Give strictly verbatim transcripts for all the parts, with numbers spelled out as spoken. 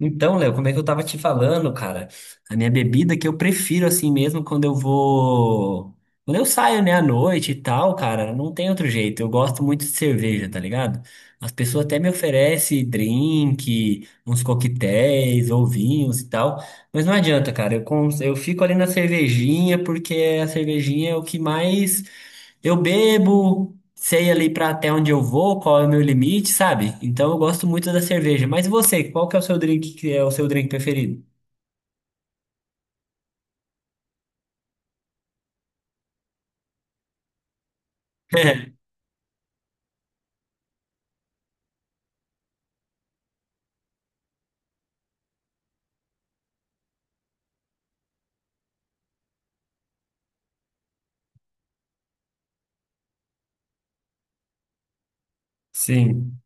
Então, Léo, como é que eu tava te falando, cara? A minha bebida que eu prefiro assim mesmo quando eu vou. Quando eu saio, né, à noite e tal, cara, não tem outro jeito. Eu gosto muito de cerveja, tá ligado? As pessoas até me oferecem drink, uns coquetéis ou vinhos e tal, mas não adianta, cara. Eu, cons- eu fico ali na cervejinha porque é a cervejinha é o que mais eu bebo, sei ali pra até onde eu vou, qual é o meu limite, sabe? Então eu gosto muito da cerveja. Mas e você, qual que é o seu drink que é o seu drink preferido? Sim,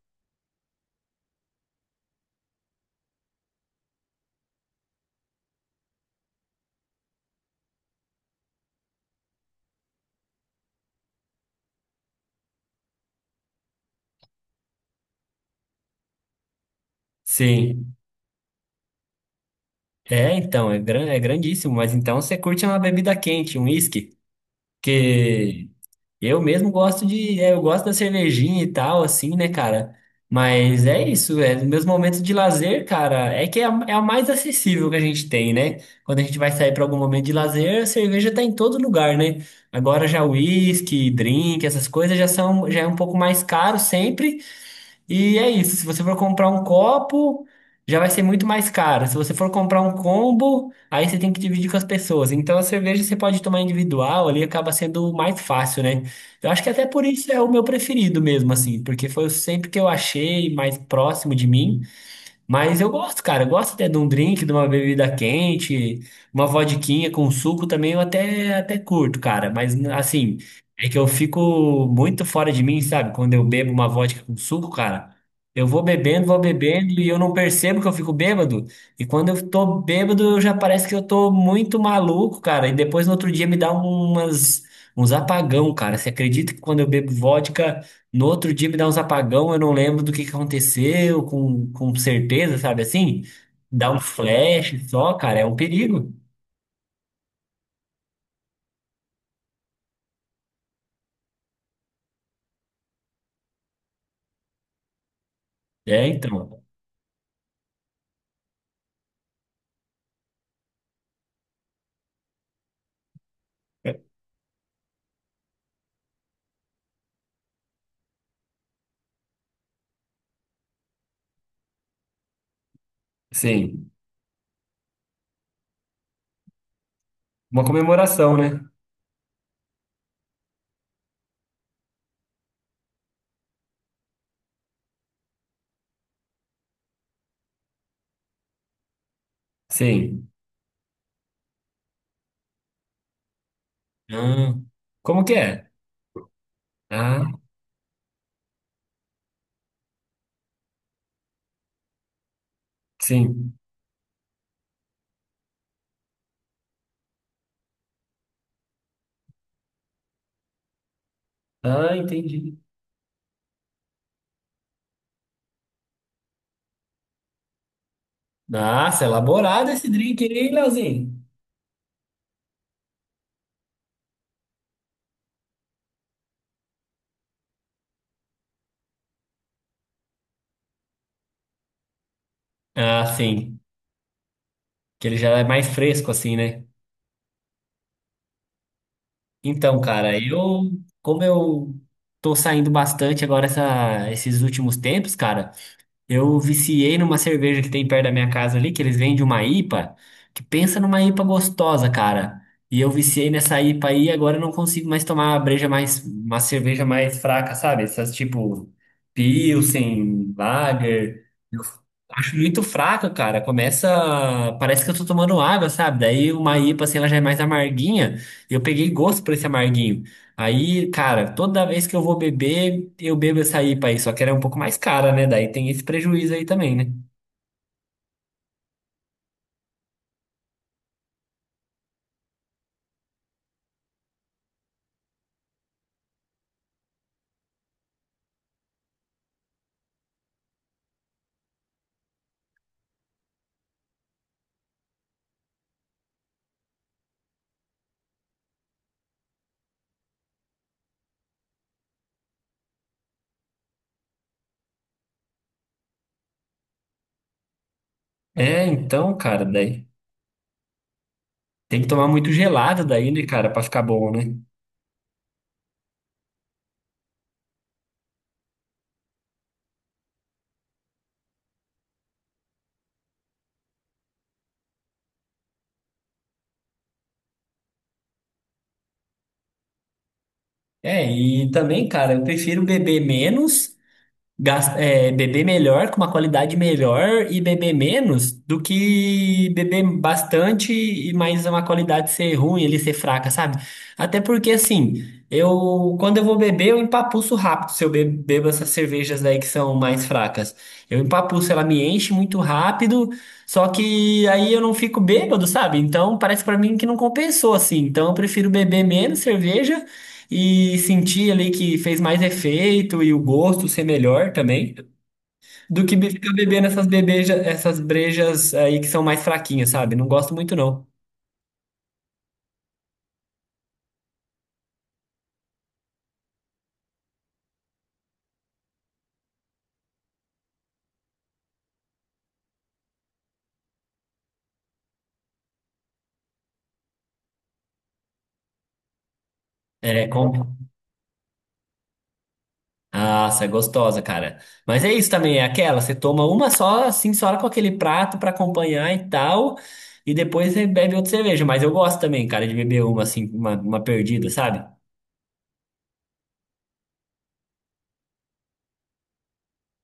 sim. É, então, é, gran- é grandíssimo, mas então você curte uma bebida quente, um whisky, que Eu mesmo gosto de, é, eu gosto da cervejinha e tal, assim, né, cara? Mas é isso, é, nos meus momentos de lazer, cara, é que é a, é a mais acessível que a gente tem, né? Quando a gente vai sair para algum momento de lazer, a cerveja tá em todo lugar, né? Agora já whisky, drink, essas coisas já são, já é um pouco mais caro sempre, e é isso. Se você for comprar um copo, já vai ser muito mais caro. Se você for comprar um combo, aí você tem que dividir com as pessoas. Então a cerveja você pode tomar individual, ali acaba sendo mais fácil, né? Eu acho que até por isso é o meu preferido mesmo, assim, porque foi sempre que eu achei mais próximo de mim. Mas eu gosto, cara. Eu gosto até de um drink, de uma bebida quente, uma vodquinha com suco também eu até, até curto, cara. Mas assim, é que eu fico muito fora de mim, sabe? Quando eu bebo uma vodka com suco, cara, eu vou bebendo, vou bebendo e eu não percebo que eu fico bêbado. E quando eu tô bêbado, eu já parece que eu tô muito maluco, cara. E depois no outro dia me dá umas, uns apagão, cara. Você acredita que quando eu bebo vodka. No outro dia me dá uns apagão, eu não lembro do que que aconteceu com, com certeza, sabe assim? Dá um flash só, cara, é um perigo. É, então. Sim. Uma comemoração, né? Sim. Ah, como que é? Ah, sim. Ah, entendi. Nossa, é elaborado esse drink, aí, hein? Leozinho? Ah, sim. Que ele já é mais fresco, assim, né? Então, cara, eu, Como eu tô saindo bastante agora essa- esses últimos tempos, cara, eu viciei numa cerveja que tem perto da minha casa ali, que eles vendem uma I P A, que pensa numa I P A gostosa, cara. E eu viciei nessa I P A aí, e agora eu não consigo mais tomar uma breja mais, uma cerveja mais fraca, sabe? Essas tipo Pilsen, Lager. Eu acho muito fraca, cara. Começa, parece que eu tô tomando água, sabe? Daí uma I P A assim, ela já é mais amarguinha. E eu peguei gosto por esse amarguinho. Aí, cara, toda vez que eu vou beber, eu bebo essa I P A aí, só que ela é um pouco mais cara, né? Daí tem esse prejuízo aí também, né? É, então, cara, daí tem que tomar muito gelado daí, né, cara, pra ficar bom, né? É, e também, cara, eu prefiro beber menos gas- é, beber melhor, com uma qualidade melhor e beber menos do que beber bastante e mais uma qualidade ser ruim, ele ser fraca, sabe? Até porque assim, eu quando eu vou beber, eu empapuço rápido se eu be- bebo essas cervejas aí que são mais fracas. Eu empapuço, ela me enche muito rápido, só que aí eu não fico bêbado, sabe? Então parece pra mim que não compensou assim. Então eu prefiro beber menos cerveja e sentir ali que fez mais efeito e o gosto ser melhor também, do que be- ficar bebendo essas bebeja, essas brejas aí que são mais fraquinhas, sabe? Não gosto muito, não. É, com... Nossa, é gostosa, cara. Mas é isso também, é aquela, você toma uma só, assim, só com aquele prato pra acompanhar e tal, e depois você bebe outra cerveja. Mas eu gosto também, cara, de beber uma, assim, uma, uma perdida, sabe?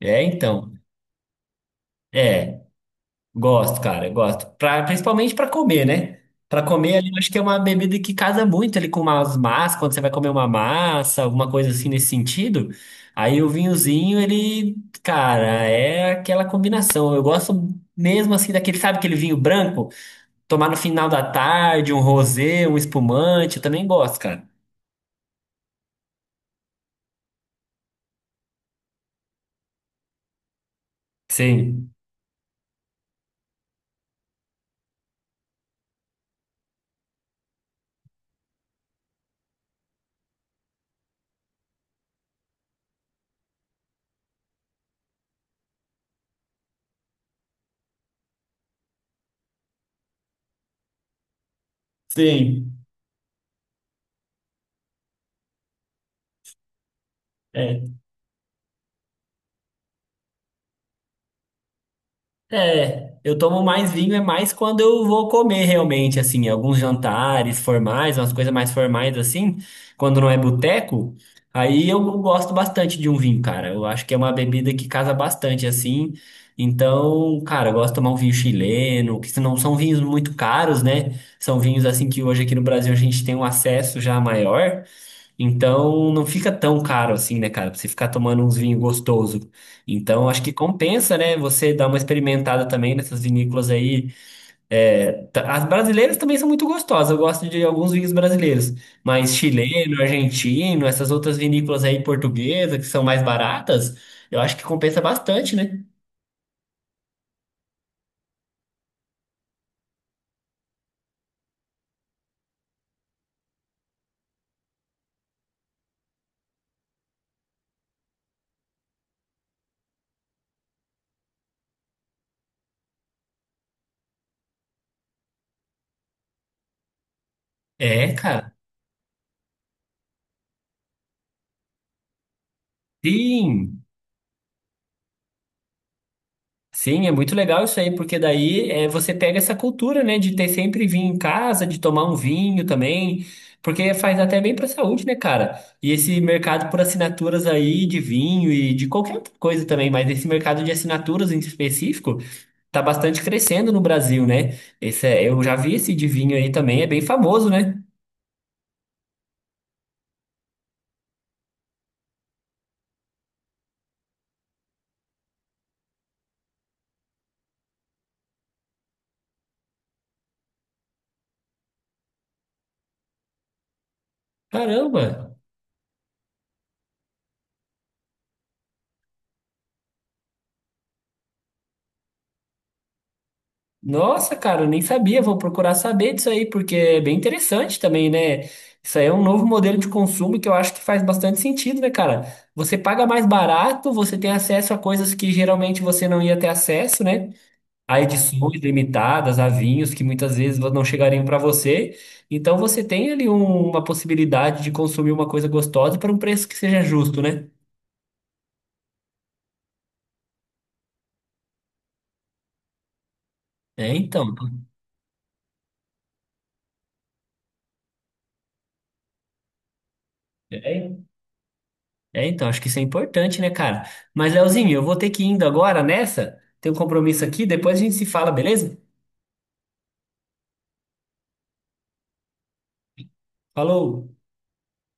É, então. É. Gosto, cara, gosto. Pra, principalmente para comer, né? Para comer ali, eu acho que é uma bebida que casa muito ali com umas massas, quando você vai comer uma massa, alguma coisa assim nesse sentido. Aí o vinhozinho, ele, cara, é aquela combinação. Eu gosto mesmo assim daquele, sabe, aquele vinho branco, tomar no final da tarde, um rosé, um espumante, eu também gosto, cara. Sim. Sim. É, eu tomo mais vinho é mais quando eu vou comer realmente, assim, alguns jantares formais, umas coisas mais formais assim, quando não é boteco, aí eu gosto bastante de um vinho, cara. Eu acho que é uma bebida que casa bastante assim. Então, cara, eu gosto de tomar um vinho chileno, que não são vinhos muito caros, né? São vinhos assim que hoje aqui no Brasil a gente tem um acesso já maior. Então não fica tão caro assim, né, cara? Pra você ficar tomando uns vinhos gostoso. Então acho que compensa, né? Você dar uma experimentada também nessas vinícolas aí. É, tá- as brasileiras também são muito gostosas. Eu gosto de alguns vinhos brasileiros, mas chileno, argentino, essas outras vinícolas aí portuguesas que são mais baratas, eu acho que compensa bastante, né? É, cara. Sim. Sim, é muito legal isso aí, porque daí é, você pega essa cultura, né, de ter sempre vinho em casa, de tomar um vinho também, porque faz até bem para a saúde, né, cara? E esse mercado por assinaturas aí de vinho e de qualquer outra coisa também, mas esse mercado de assinaturas em específico tá bastante crescendo no Brasil, né? Esse é- eu já vi esse de vinho aí também, é bem famoso, né? Caramba! Nossa, cara, eu nem sabia. Vou procurar saber disso aí, porque é bem interessante também, né? Isso aí é um novo modelo de consumo que eu acho que faz bastante sentido, né, cara? Você paga mais barato, você tem acesso a coisas que geralmente você não ia ter acesso, né? A edições limitadas, a vinhos que muitas vezes não chegariam para você. Então você tem ali um- uma possibilidade de consumir uma coisa gostosa para um preço que seja justo, né? É, então. É, então, acho que isso é importante, né, cara? Mas, Leozinho, eu vou ter que ir indo agora nessa. Tem um compromisso aqui, depois a gente se fala, beleza? Falou!